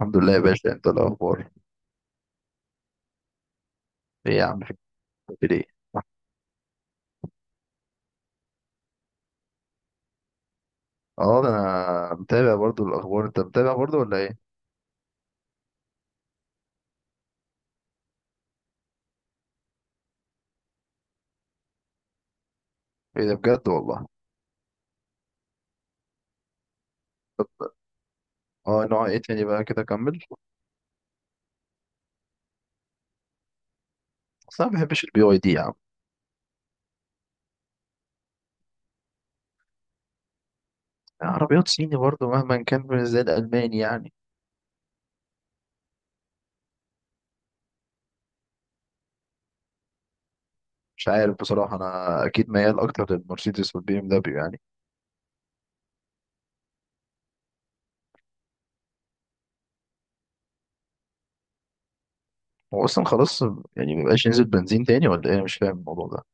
الحمد لله يا باشا، انت الاخبار؟ ايه يا عم، في؟ بتعمل ايه؟ اه، ده انا متابع برضو الاخبار. انت متابع برضو ولا ايه؟ ايه ده بجد والله. اه، نوع ايه تاني بقى كده؟ كمل. اصل انا ما بحبش البي واي دي يا عم. عربيات صيني برضو مهما كان مش زي الالماني يعني. مش عارف بصراحه، انا اكيد ميال اكتر للمرسيدس والبي ام دبليو يعني. هو اصلا خلاص يعني ما بقاش ينزل بنزين تاني ولا ايه؟ انا مش فاهم الموضوع ده.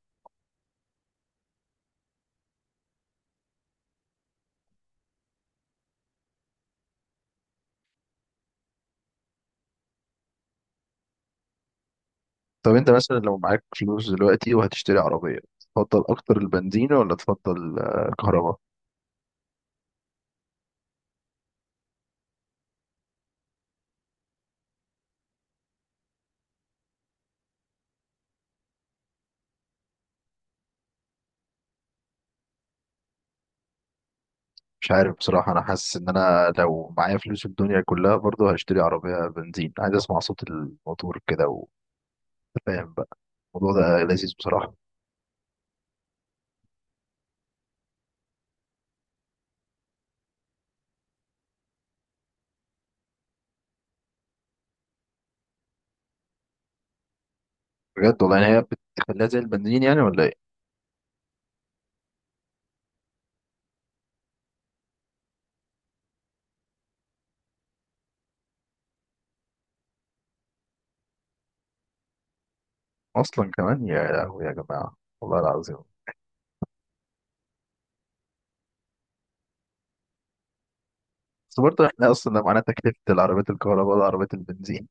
طب انت مثلا لو معاك فلوس دلوقتي وهتشتري عربيه، تفضل اكتر البنزين ولا تفضل الكهرباء؟ مش عارف بصراحة. أنا حاسس إن أنا لو معايا فلوس الدنيا كلها برضه هشتري عربية بنزين، عايز أسمع صوت الموتور كده وفاهم بقى. الموضوع ده لذيذ بصراحة. بجد والله؟ يعني هي بتخليها زي البنزين يعني ولا إيه؟ أصلا كمان، يا لهوي يا جماعة والله العظيم. بس برضه إحنا أصلا لو معانا تكلفة العربيات الكهرباء والعربيات البنزين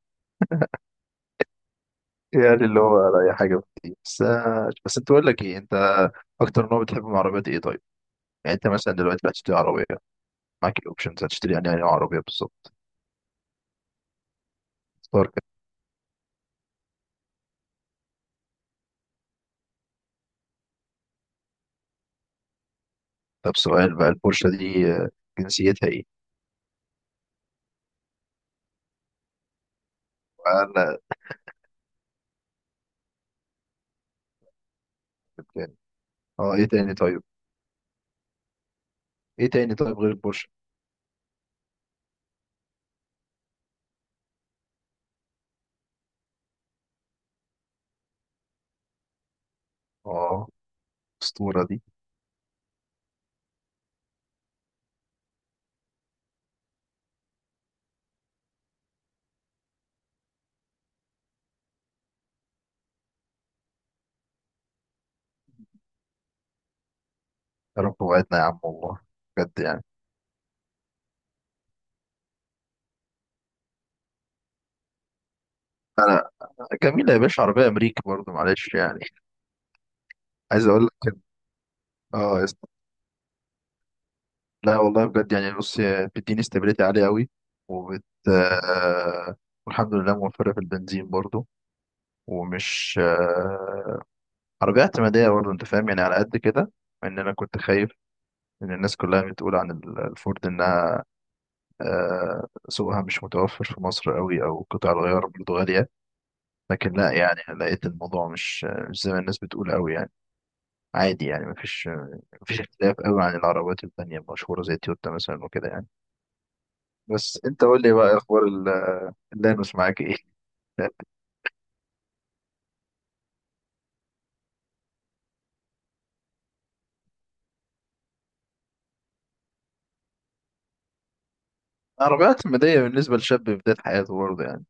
يعني اللي هو ولا أي حاجة بتجيب. بس، بس أنت، بقول لك إيه، أنت أكتر نوع بتحب من العربيات إيه طيب؟ يعني أنت مثلا دلوقتي بقى تشتري عربية، معاك الأوبشنز، هتشتري يعني أي نوع عربية بالظبط؟ طب سؤال بقى، البورشة دي جنسيتها ايه؟ وأنا لبناني. اه، ايه تاني طيب؟ ايه تاني طيب غير البورشة؟ اه الأسطورة دي. يا رب وعدنا يا عم والله. بجد يعني. أنا جميلة يا باشا، عربية أمريكي برضه معلش يعني. عايز أقول لك كده. اه يا اسطى. لا والله بجد يعني. بص، هي بتديني استابيليتي عالية قوي وبت آه، والحمد لله موفرة في البنزين برضه. ومش آه، عربية اعتمادية برضه، أنت فاهم يعني على قد كده. إن أنا كنت خايف إن الناس كلها بتقول عن الفورد إنها سوقها مش متوفر في مصر قوي او قطع الغيار برضه غالية. لكن لا يعني، لقيت الموضوع مش زي ما الناس بتقول قوي يعني. عادي يعني. مفيش اختلاف قوي عن العربيات التانية المشهورة زي تويوتا مثلا وكده يعني. بس انت قول لي بقى، اخبار اللانوس معاك ايه؟ العربيات المدية بالنسبة لشاب في بداية حياته برضه يعني.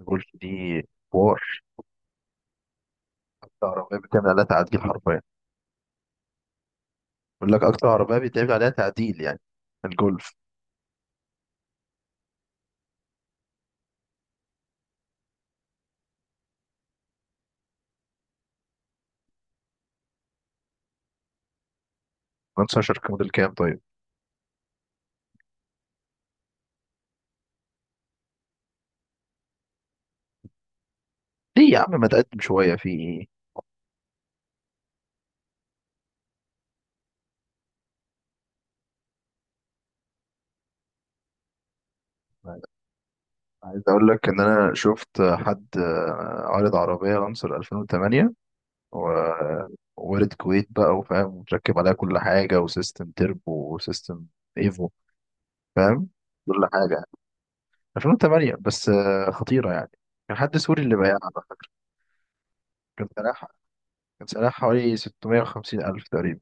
الجولف دي حوار. أكتر عربية بتعمل عليها تعديل حرفيا. بقول لك، أكتر عربية بيتعمل عليها تعديل يعني. الجولف 15 موديل كام طيب؟ ليه يا عم ما تقدم شوية في؟ عايز اقول لك ان انا شفت حد عارض عربيه لانسر 2008، ووارد كويت بقى وفاهم ومتركب عليها كل حاجه وسيستم تربو وسيستم ايفو. فاهم؟ كل حاجه 2008 بس خطيره يعني. كان حد سوري اللي بايعها على فكره. كان سعرها كان سعرها حوالي 650 الف تقريبا.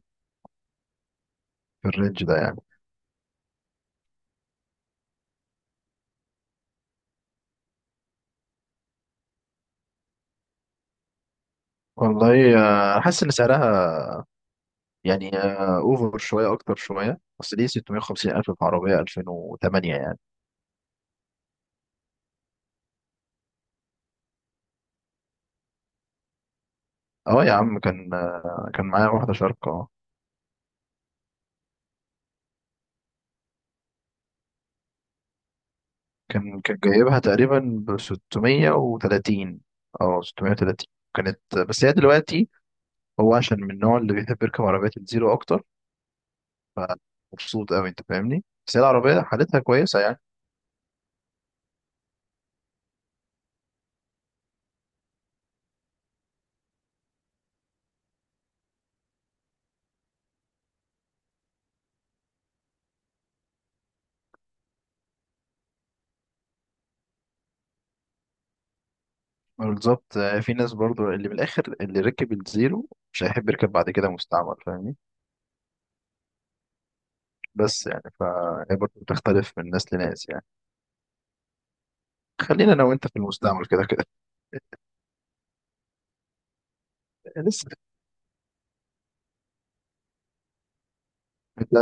في الرينج ده يعني. والله حاسس ان سعرها يعني اوفر شويه، اكتر شويه، بس ليه 650 الف في عربيه 2008 يعني؟ اه يا عم كان. كان معايا واحدة شاركة اه. كان جايبها تقريبا ب 630 أو 630. كانت. بس هي دلوقتي هو عشان من النوع اللي بيحب يركب عربية الزيرو أكتر، فمبسوط أوي، أنت فاهمني. بس هي العربية حالتها كويسة يعني. بالظبط. في ناس برضو اللي من الآخر اللي ركب الزيرو مش هيحب يركب بعد كده مستعمل، فاهمني؟ بس يعني فهي برضو بتختلف من ناس لناس يعني. خلينا أنا وأنت في المستعمل كده كده. لسه انت.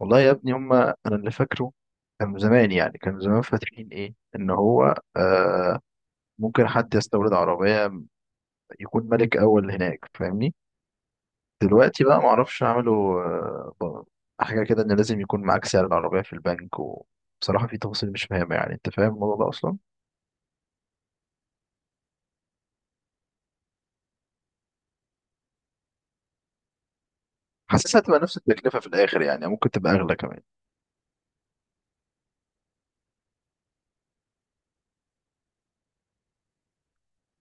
والله يا ابني هما انا اللي فاكره كان زمان يعني. كان زمان فاتحين ايه، ان هو آه ممكن حد يستورد عربية يكون ملك اول هناك، فاهمني؟ دلوقتي بقى معرفش عملوا آه حاجة كده ان لازم يكون معاك سعر العربية في البنك. وبصراحة في تفاصيل مش فاهمة يعني. انت فاهم الموضوع ده اصلا؟ حاسسها هتبقى نفس التكلفة في الاخر يعني، ممكن تبقى اغلى كمان.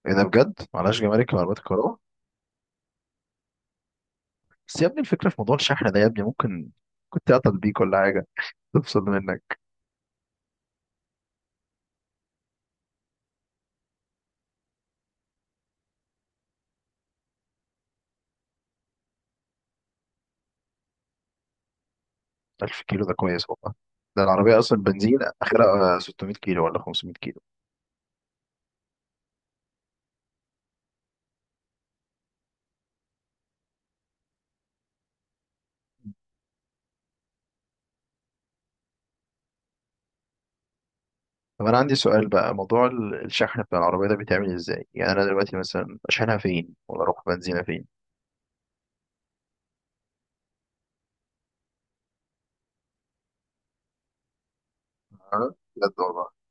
ايه ده بجد؟ معلهاش جمارك وعربيات الكهرباء؟ بس يا ابني الفكرة في موضوع الشحن ده يا ابني، ممكن كنت اعطل بيك ولا حاجة، تفصل منك. 1000 كيلو ده كويس والله. ده العربية أصلا بنزين آخرها 600 كيلو ولا 500 كيلو. طب أنا عندي سؤال بقى، موضوع الشحن بتاع العربية ده بيتعمل إزاي؟ يعني أنا دلوقتي مثلا أشحنها فين؟ ولا أروح بنزينها فين؟ أه؟ بجد والله؟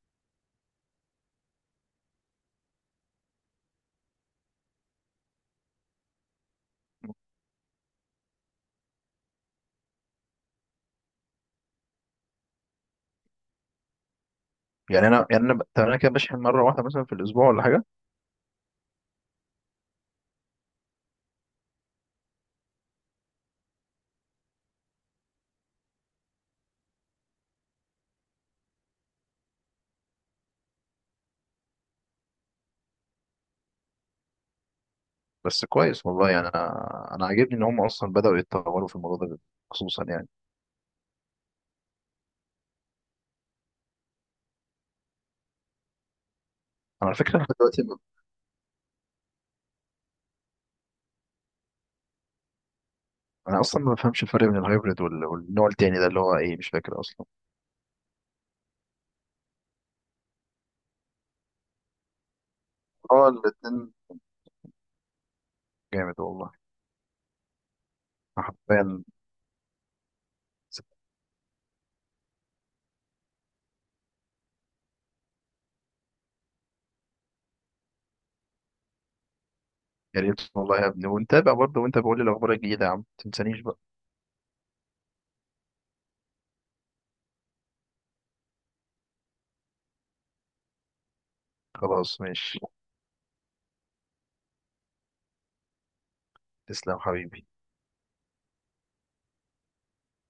يعني أنا طب أنا كده بشحن مرة واحدة مثلا في الأسبوع ولا حاجة؟ بس كويس والله يعني. أنا عاجبني إن هم أصلا بدأوا يتطوروا في الموضوع ده، خصوصا يعني. أنا على فكرة احنا دلوقتي أنا أصلا ما بفهمش الفرق بين الهايبريد وال- والنوع التاني ده اللي هو إيه مش فاكر أصلا. هو الاتنين جامد والله، حرفيا. يا ريت والله يا ابني، ونتابع برضه. وانت بقول لي الاخبار الجديده يا عم، متنسانيش بقى. خلاص ماشي. تسلم حبيبي.